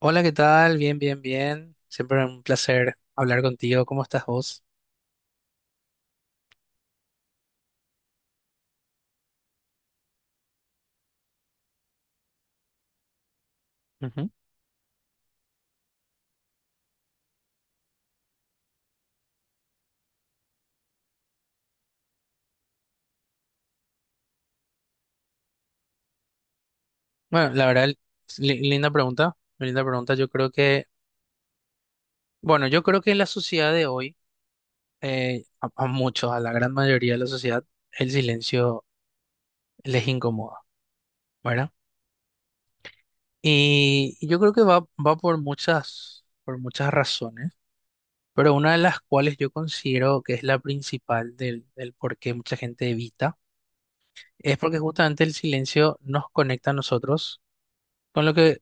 Hola, ¿qué tal? Bien, bien, bien. Siempre un placer hablar contigo. ¿Cómo estás vos? Ujú. Bueno, la verdad, linda pregunta. Linda pregunta. Yo creo que en la sociedad de hoy, a muchos, a la gran mayoría de la sociedad, el silencio les incomoda, ¿verdad? Y yo creo que va por muchas razones, pero una de las cuales yo considero que es la principal del por qué mucha gente evita, es porque justamente el silencio nos conecta a nosotros Con lo que,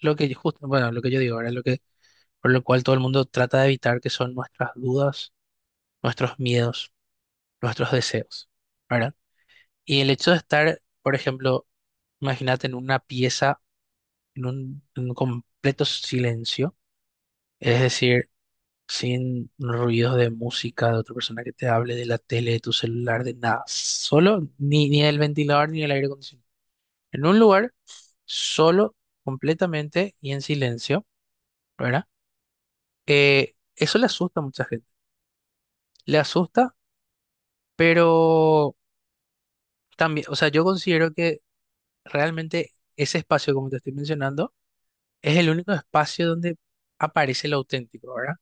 lo que yo- justo, bueno, lo que yo digo ahora, por lo cual todo el mundo trata de evitar, que son nuestras dudas, nuestros miedos, nuestros deseos, ¿verdad? Y el hecho de estar, por ejemplo, imagínate en una pieza, en un completo silencio, es decir, sin ruidos de música, de otra persona que te hable, de la tele, de tu celular, de nada, solo, ni el ventilador, ni el aire acondicionado. En un lugar solo, completamente y en silencio, ¿verdad? Eso le asusta a mucha gente. Le asusta, pero también, o sea, yo considero que realmente ese espacio, como te estoy mencionando, es el único espacio donde aparece lo auténtico, ¿verdad?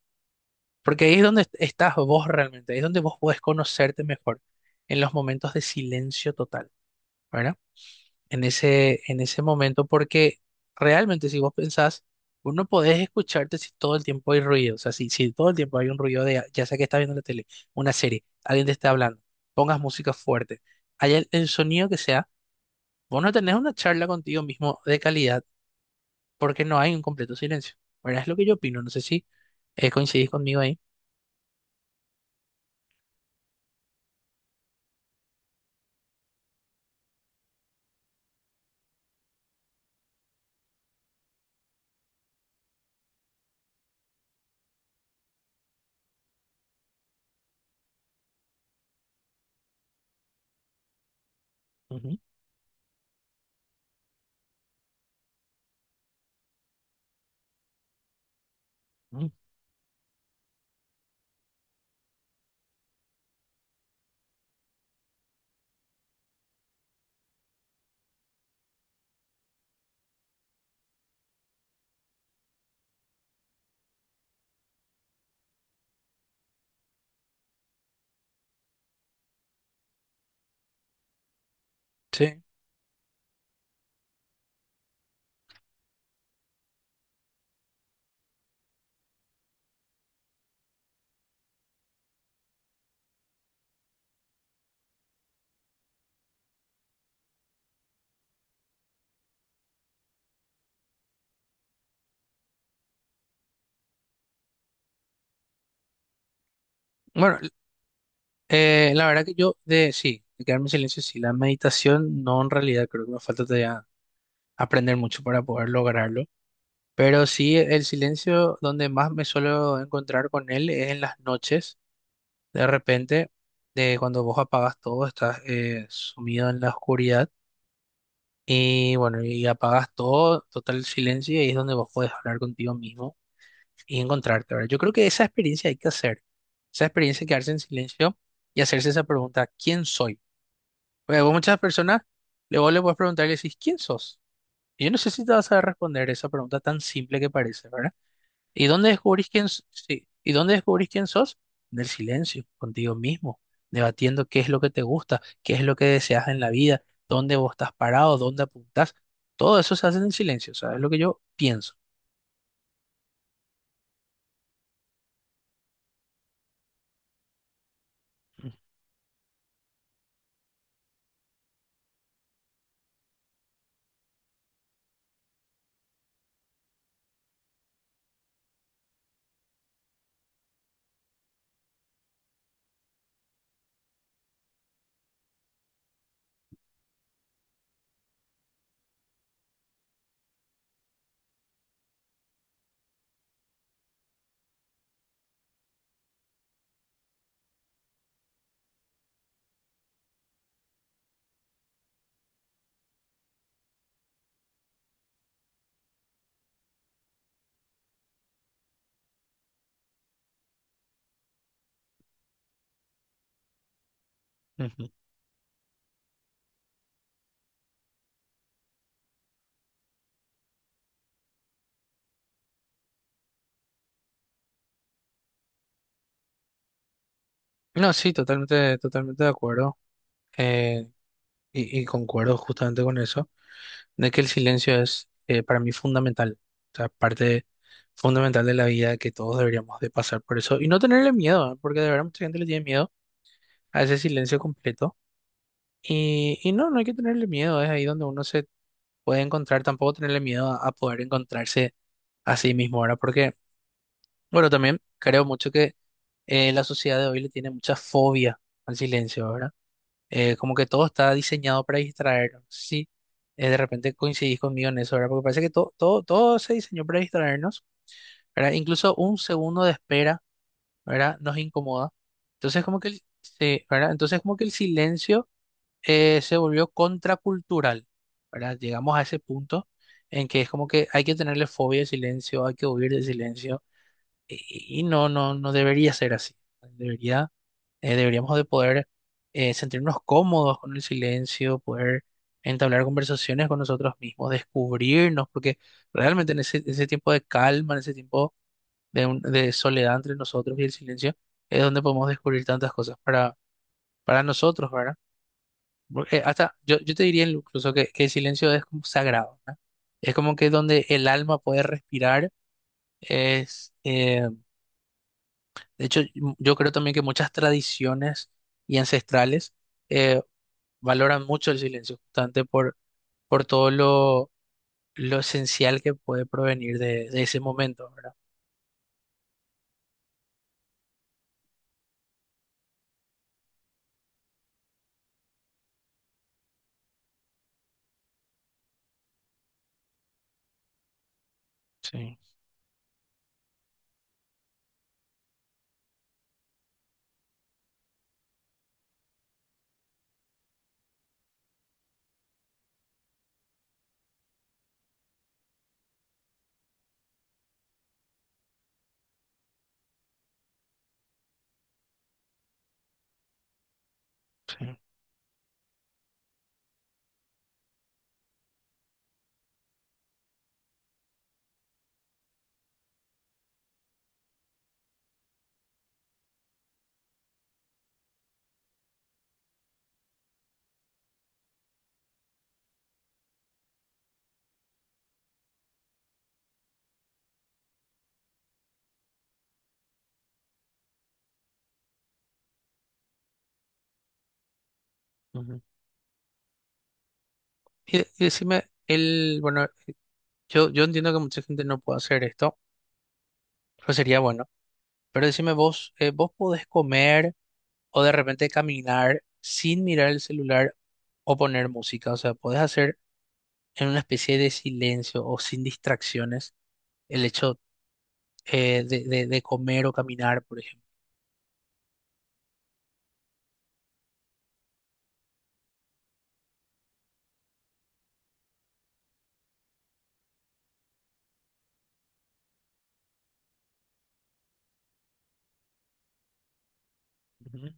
Porque ahí es donde estás vos realmente, ahí es donde vos podés conocerte mejor, en los momentos de silencio total, ¿verdad? en ese momento, porque realmente si vos pensás, vos no podés escucharte si todo el tiempo hay ruido, o sea, si todo el tiempo hay un ruido de, ya sea que estás viendo la tele, una serie, alguien te está hablando, pongas música fuerte, haya el sonido que sea, vos no tenés una charla contigo mismo de calidad porque no hay un completo silencio. Bueno, es lo que yo opino, no sé si ¿coincidís conmigo ahí? Ujú, ujú. Sí. Bueno, la verdad que yo de sí, de quedarme en silencio, sí, la meditación no en realidad creo que me falta todavía aprender mucho para poder lograrlo. Pero sí, el silencio donde más me suelo encontrar con él es en las noches. De repente, de cuando vos apagas todo, estás sumido en la oscuridad y bueno, y apagas todo, total silencio y ahí es donde vos podés hablar contigo mismo y encontrarte, ¿verdad? Yo creo que esa experiencia hay que hacer. Esa experiencia de quedarse en silencio y hacerse esa pregunta, ¿quién soy? Porque vos muchas personas, luego le puedes preguntar y le decís, ¿quién sos? Y yo no sé si te vas a responder esa pregunta tan simple que parece, ¿verdad? ¿Y dónde descubrís quién sos? En el silencio, contigo mismo, debatiendo qué es lo que te gusta, qué es lo que deseas en la vida, dónde vos estás parado, dónde apuntás. Todo eso se hace en el silencio, ¿sabes? Es lo que yo pienso. Ujú. No, sí, totalmente, totalmente de acuerdo. eh, y concuerdo justamente con eso, de que el silencio es para mí fundamental, o sea, parte fundamental de la vida que todos deberíamos de pasar por eso y no tenerle miedo, ¿eh? Porque de verdad mucha gente le tiene miedo a ese silencio completo y no, no hay que tenerle miedo, es ahí donde uno se puede encontrar, tampoco tenerle miedo a poder encontrarse a sí mismo ahora, porque bueno, también creo mucho que la sociedad de hoy le tiene mucha fobia al silencio, ¿verdad? Como que todo está diseñado para distraernos. Sí, de repente coincidís conmigo en eso, ¿verdad? Porque parece que todo, todo, todo se diseñó para distraernos, ¿verdad? Incluso un segundo de espera, ¿verdad? Nos incomoda. Sí, ¿verdad? Entonces, como que el silencio se volvió contracultural, ¿verdad? Llegamos a ese punto en que es como que hay que tenerle fobia al silencio, hay que huir del silencio y no, no, no debería ser así. Debería, deberíamos de poder sentirnos cómodos con el silencio, poder entablar conversaciones con nosotros mismos, descubrirnos, porque realmente en ese tiempo de calma, en ese tiempo de soledad entre nosotros y el silencio, es donde podemos descubrir tantas cosas para nosotros, ¿verdad? Porque hasta yo te diría incluso que el silencio es como sagrado, ¿verdad? Es como que donde el alma puede respirar, es... eh, De hecho, yo creo también que muchas tradiciones y ancestrales eh, valoran mucho el silencio, justamente por todo lo esencial que puede provenir de ese momento, ¿verdad? Sí, sí. Ujú. Y decime, bueno, yo entiendo que mucha gente no puede hacer esto, pero sería bueno. Pero decime vos, ¿vos podés comer o de repente caminar sin mirar el celular o poner música? O sea, ¿podés hacer en una especie de silencio o sin distracciones el hecho de comer o caminar, por ejemplo. Ujú,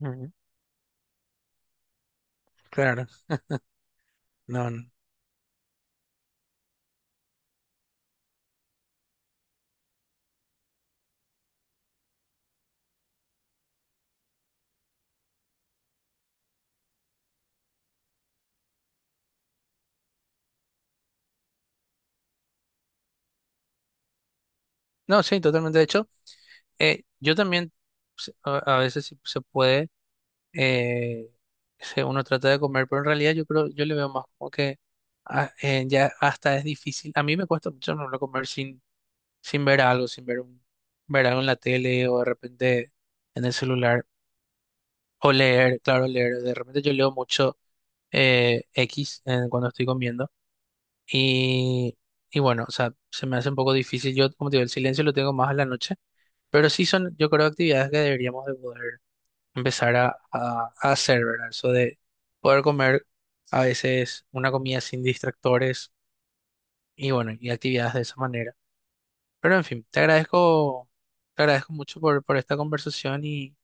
ujú. Claro, no, no, no, sí, totalmente. De hecho, yo también a veces si se puede, eh, uno trata de comer, pero en realidad yo le veo más como que ya hasta es difícil. A mí me cuesta mucho no comer sin ver algo, sin ver algo en la tele o de repente en el celular o leer, claro, leer. De repente yo leo mucho X cuando estoy comiendo. Y, y bueno, o sea, se me hace un poco difícil. Yo, como te digo, el silencio lo tengo más a la noche, pero sí son, yo creo, actividades que deberíamos de poder empezar a hacer, ¿verdad? Eso de poder comer a veces una comida sin distractores y bueno, y actividades de esa manera. Pero en fin, te agradezco mucho por esta conversación y,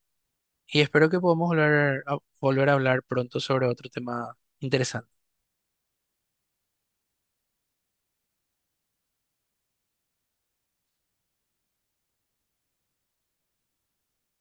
y espero que podamos volver a hablar pronto sobre otro tema interesante.